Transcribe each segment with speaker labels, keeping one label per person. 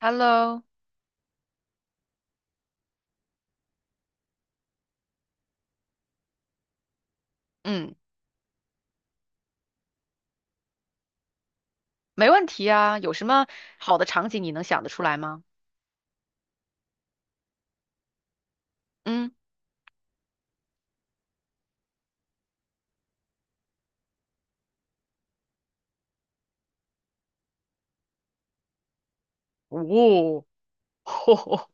Speaker 1: Hello，嗯，没问题啊。有什么好的场景你能想得出来吗？嗯，哦，吼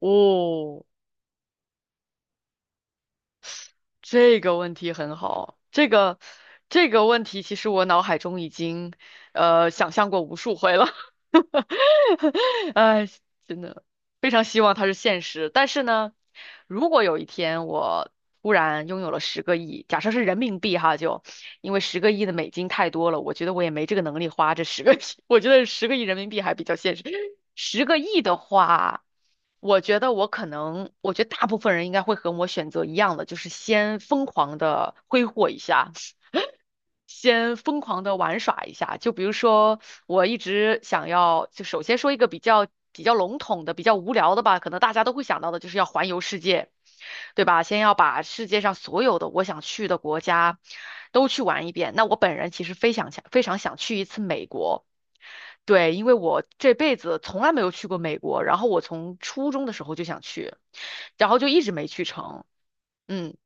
Speaker 1: 哦，这个问题很好。这个问题，其实我脑海中已经想象过无数回了。哎，真的非常希望它是现实。但是呢，如果有一天我突然拥有了十个亿，假设是人民币哈，就。因为十个亿的美金太多了，我觉得我也没这个能力花这十个亿，我觉得10亿人民币还比较现实。十个亿的话，我觉得大部分人应该会和我选择一样的，就是先疯狂的挥霍一下。先疯狂的玩耍一下。就比如说，我一直想要，就首先说一个比较笼统的、比较无聊的吧，可能大家都会想到的，就是要环游世界，对吧？先要把世界上所有的我想去的国家都去玩一遍。那我本人其实非常想去一次美国。对，因为我这辈子从来没有去过美国，然后我从初中的时候就想去，然后就一直没去成。嗯。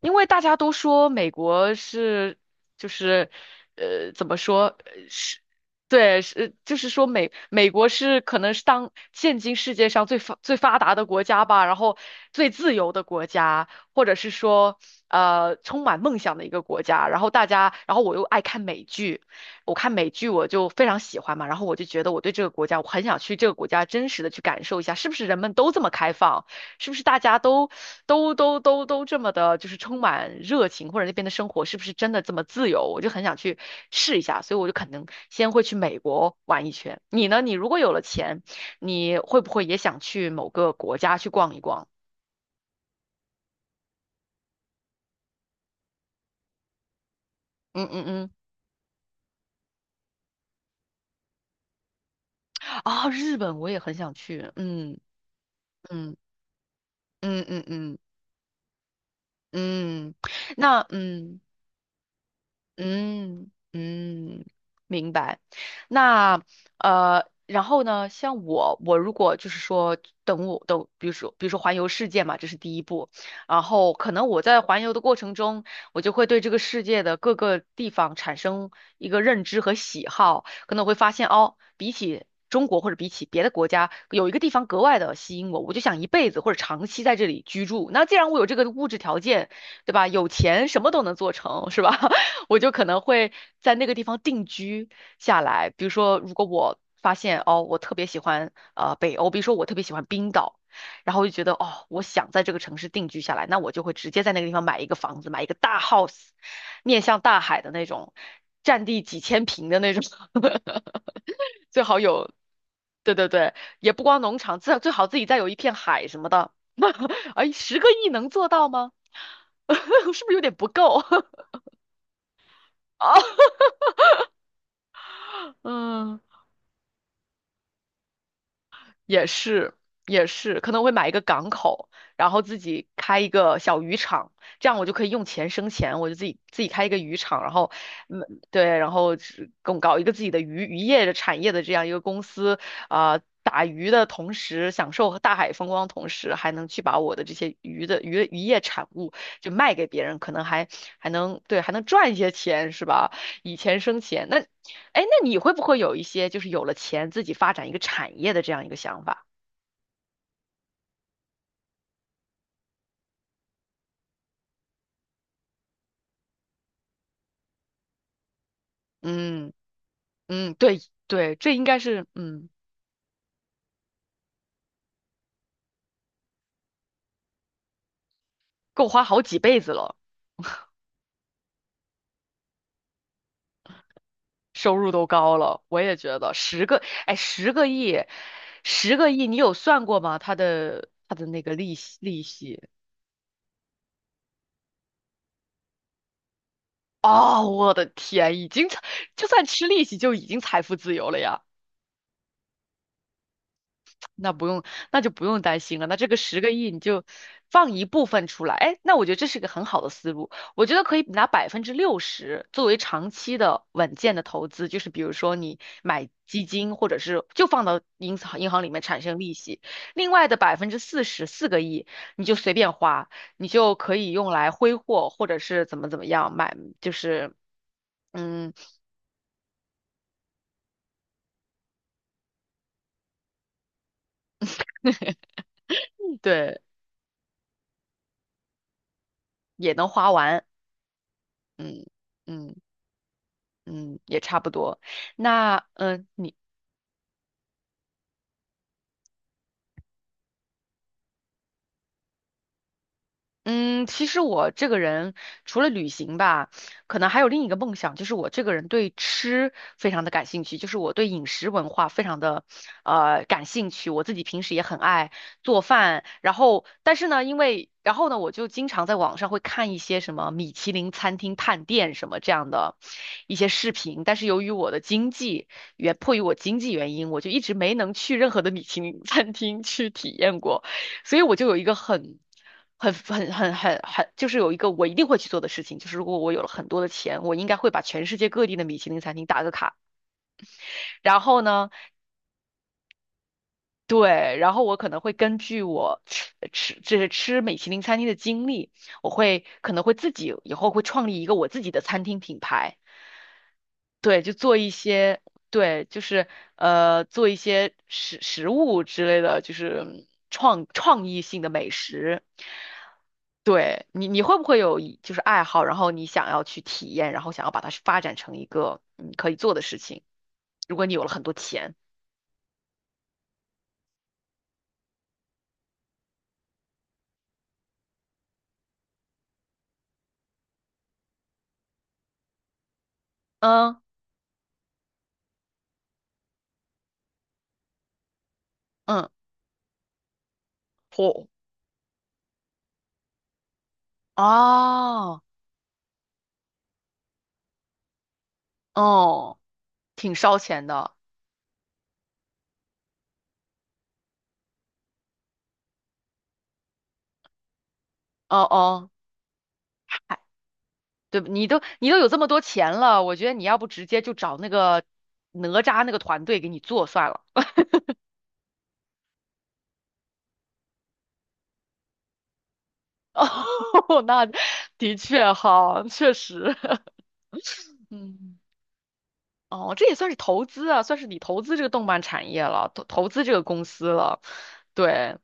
Speaker 1: 因为大家都说美国是就是怎么说是。对，是就是说美国是可能是当现今世界上最发达的国家吧，然后最自由的国家，或者是说充满梦想的一个国家。然后大家，然后我又爱看美剧，我看美剧我就非常喜欢嘛，然后我就觉得我对这个国家，我很想去这个国家真实的去感受一下，是不是人们都这么开放，是不是大家都这么的，就是充满热情，或者那边的生活是不是真的这么自由？我就很想去试一下，所以我就可能先会去美国玩一圈。你呢？你如果有了钱，你会不会也想去某个国家去逛一逛？嗯嗯嗯，啊，日本我也很想去。嗯嗯嗯嗯嗯嗯，嗯那嗯。嗯嗯，明白。那然后呢，像我，我如果就是说等我等，比如说环游世界嘛，这是第一步。然后可能我在环游的过程中，我就会对这个世界的各个地方产生一个认知和喜好，可能我会发现哦，比起中国或者比起别的国家，有一个地方格外的吸引我，我就想一辈子或者长期在这里居住。那既然我有这个物质条件，对吧？有钱什么都能做成，是吧？我就可能会在那个地方定居下来。比如说，如果我发现哦，我特别喜欢北欧，比如说我特别喜欢冰岛，然后我就觉得哦，我想在这个城市定居下来，那我就会直接在那个地方买一个房子，买一个大 house，面向大海的那种，占地几千平的那种，最好有。对对对，也不光农场，最好自己再有一片海什么的。哎，10亿能做到吗？是不是有点不够？哦，嗯，也是，也是，可能我会买一个港口，然后自己开一个小渔场，这样我就可以用钱生钱，我就自己开一个渔场，然后，嗯，对，然后是搞一个自己的渔业的产业的这样一个公司，啊、打鱼的同时享受大海风光，同时还能去把我的这些鱼的渔业产物就卖给别人，可能还能赚一些钱，是吧？以钱生钱，那哎，那你会不会有一些就是有了钱自己发展一个产业的这样一个想法？嗯嗯，对对，这应该是嗯，够花好几辈子了，收入都高了，我也觉得十个亿，十个亿，你有算过吗？它的那个利息哦，我的天，已经就算吃利息就已经财富自由了呀。那不用，那就不用担心了。那这个十个亿你就放一部分出来，哎，那我觉得这是一个很好的思路。我觉得可以拿60%作为长期的稳健的投资，就是比如说你买基金，或者是就放到银行里面产生利息。另外的百分之四十，4亿你就随便花，你就可以用来挥霍，或者是怎么样买，就是嗯，对，也能花完，嗯嗯嗯，也差不多。那嗯。你。嗯，其实我这个人除了旅行吧，可能还有另一个梦想，就是我这个人对吃非常的感兴趣，就是我对饮食文化非常的感兴趣。我自己平时也很爱做饭，然后但是呢，因为然后呢，我就经常在网上会看一些什么米其林餐厅探店什么这样的一些视频，但是由于我的经济原迫于我经济原因，我就一直没能去任何的米其林餐厅去体验过。所以我就有一个很、就是有一个我一定会去做的事情，就是如果我有了很多的钱，我应该会把全世界各地的米其林餐厅打个卡。然后呢，对，然后我可能会根据我就是吃米其林餐厅的经历，我可能会自己以后会创立一个我自己的餐厅品牌，对，就做一些。对，就是做一些食物之类的，就是创意性的美食。对你，你会不会有一就是爱好，然后你想要去体验，然后想要把它发展成一个可以做的事情？如果你有了很多钱，嗯嗯，嚯哦哦，挺烧钱的，哦哦，嗨，对，你都有这么多钱了，我觉得你要不直接就找那个哪吒那个团队给你做算了。哦，那的确哈，确实，嗯。哦，这也算是投资啊，算是你投资这个动漫产业了，投资这个公司了。对，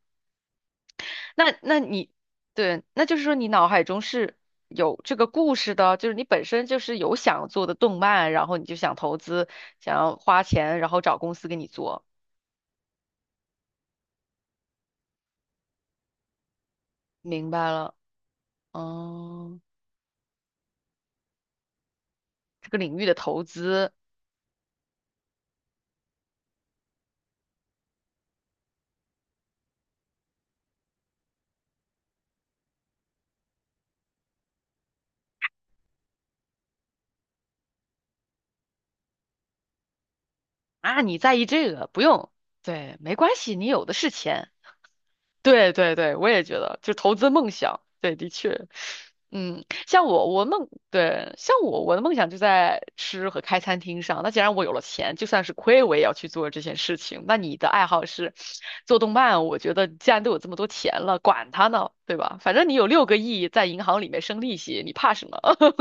Speaker 1: 那你对，那就是说你脑海中是有这个故事的，就是你本身就是有想做的动漫，然后你就想投资，想要花钱，然后找公司给你做。明白了，嗯，这个领域的投资啊，你在意这个，不用，对，没关系，你有的是钱。对对对，我也觉得，就投资梦想，对，的确，嗯，像我，我梦，对，像我，我的梦想就在吃和开餐厅上。那既然我有了钱，就算是亏，我也要去做这件事情。那你的爱好是做动漫，我觉得既然都有这么多钱了，管它呢，对吧？反正你有6亿在银行里面生利息，你怕什么？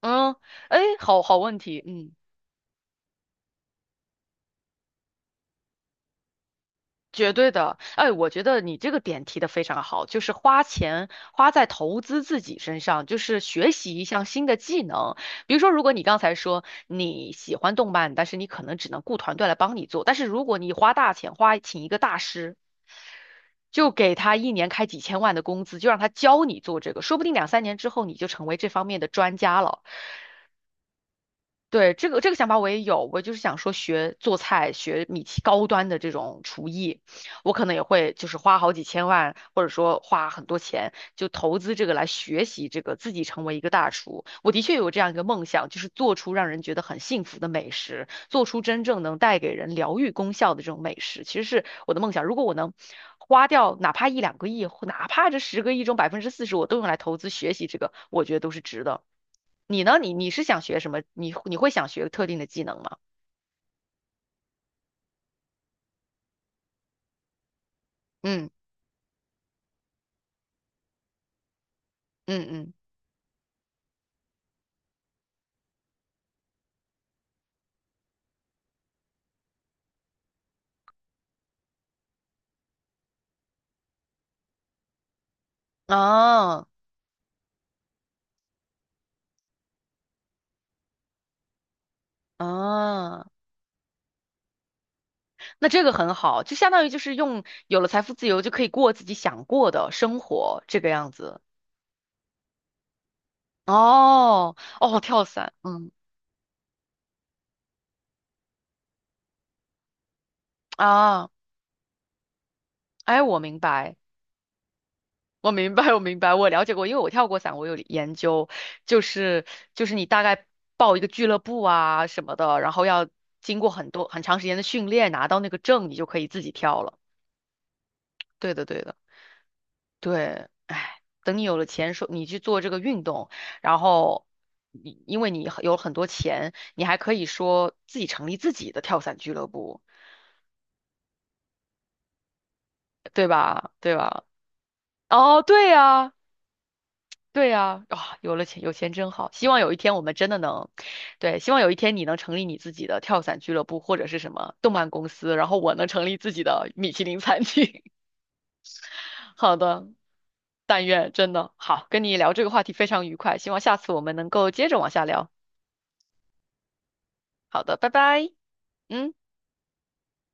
Speaker 1: 嗯，哎，好问题，嗯。绝对的，哎，我觉得你这个点提的非常好，就是花钱花在投资自己身上，就是学习一项新的技能。比如说，如果你刚才说你喜欢动漫，但是你可能只能雇团队来帮你做，但是如果你花大钱请一个大师，就给他一年开几千万的工资，就让他教你做这个，说不定两三年之后你就成为这方面的专家了。对，这个想法我也有，我就是想说学做菜，学米其高端的这种厨艺，我可能也会就是花好几千万，或者说花很多钱，就投资这个来学习这个，自己成为一个大厨。我的确有这样一个梦想，就是做出让人觉得很幸福的美食，做出真正能带给人疗愈功效的这种美食，其实是我的梦想。如果我能花掉哪怕一两个亿，哪怕这十个亿中百分之四十，我都用来投资学习这个，我觉得都是值的。你呢？你是想学什么？你会想学特定的技能吗？嗯嗯嗯，啊啊，那这个很好，就相当于就是用有了财富自由就可以过自己想过的生活，这个样子。哦哦，跳伞，嗯啊，哎，我明白。我明白，我明白，我了解过，因为我跳过伞，我有研究，就是你大概报一个俱乐部啊什么的，然后要经过很多很长时间的训练，拿到那个证，你就可以自己跳了。对的，对的，对，哎，等你有了钱，说你去做这个运动，然后你因为你有很多钱，你还可以说自己成立自己的跳伞俱乐部，对吧？对吧？哦，对呀、对呀，啊，有了钱，有钱真好。希望有一天我们真的能，对，希望有一天你能成立你自己的跳伞俱乐部或者是什么动漫公司，然后我能成立自己的米其林餐厅。好的，但愿真的好，跟你聊这个话题非常愉快，希望下次我们能够接着往下聊。好的，拜拜。嗯。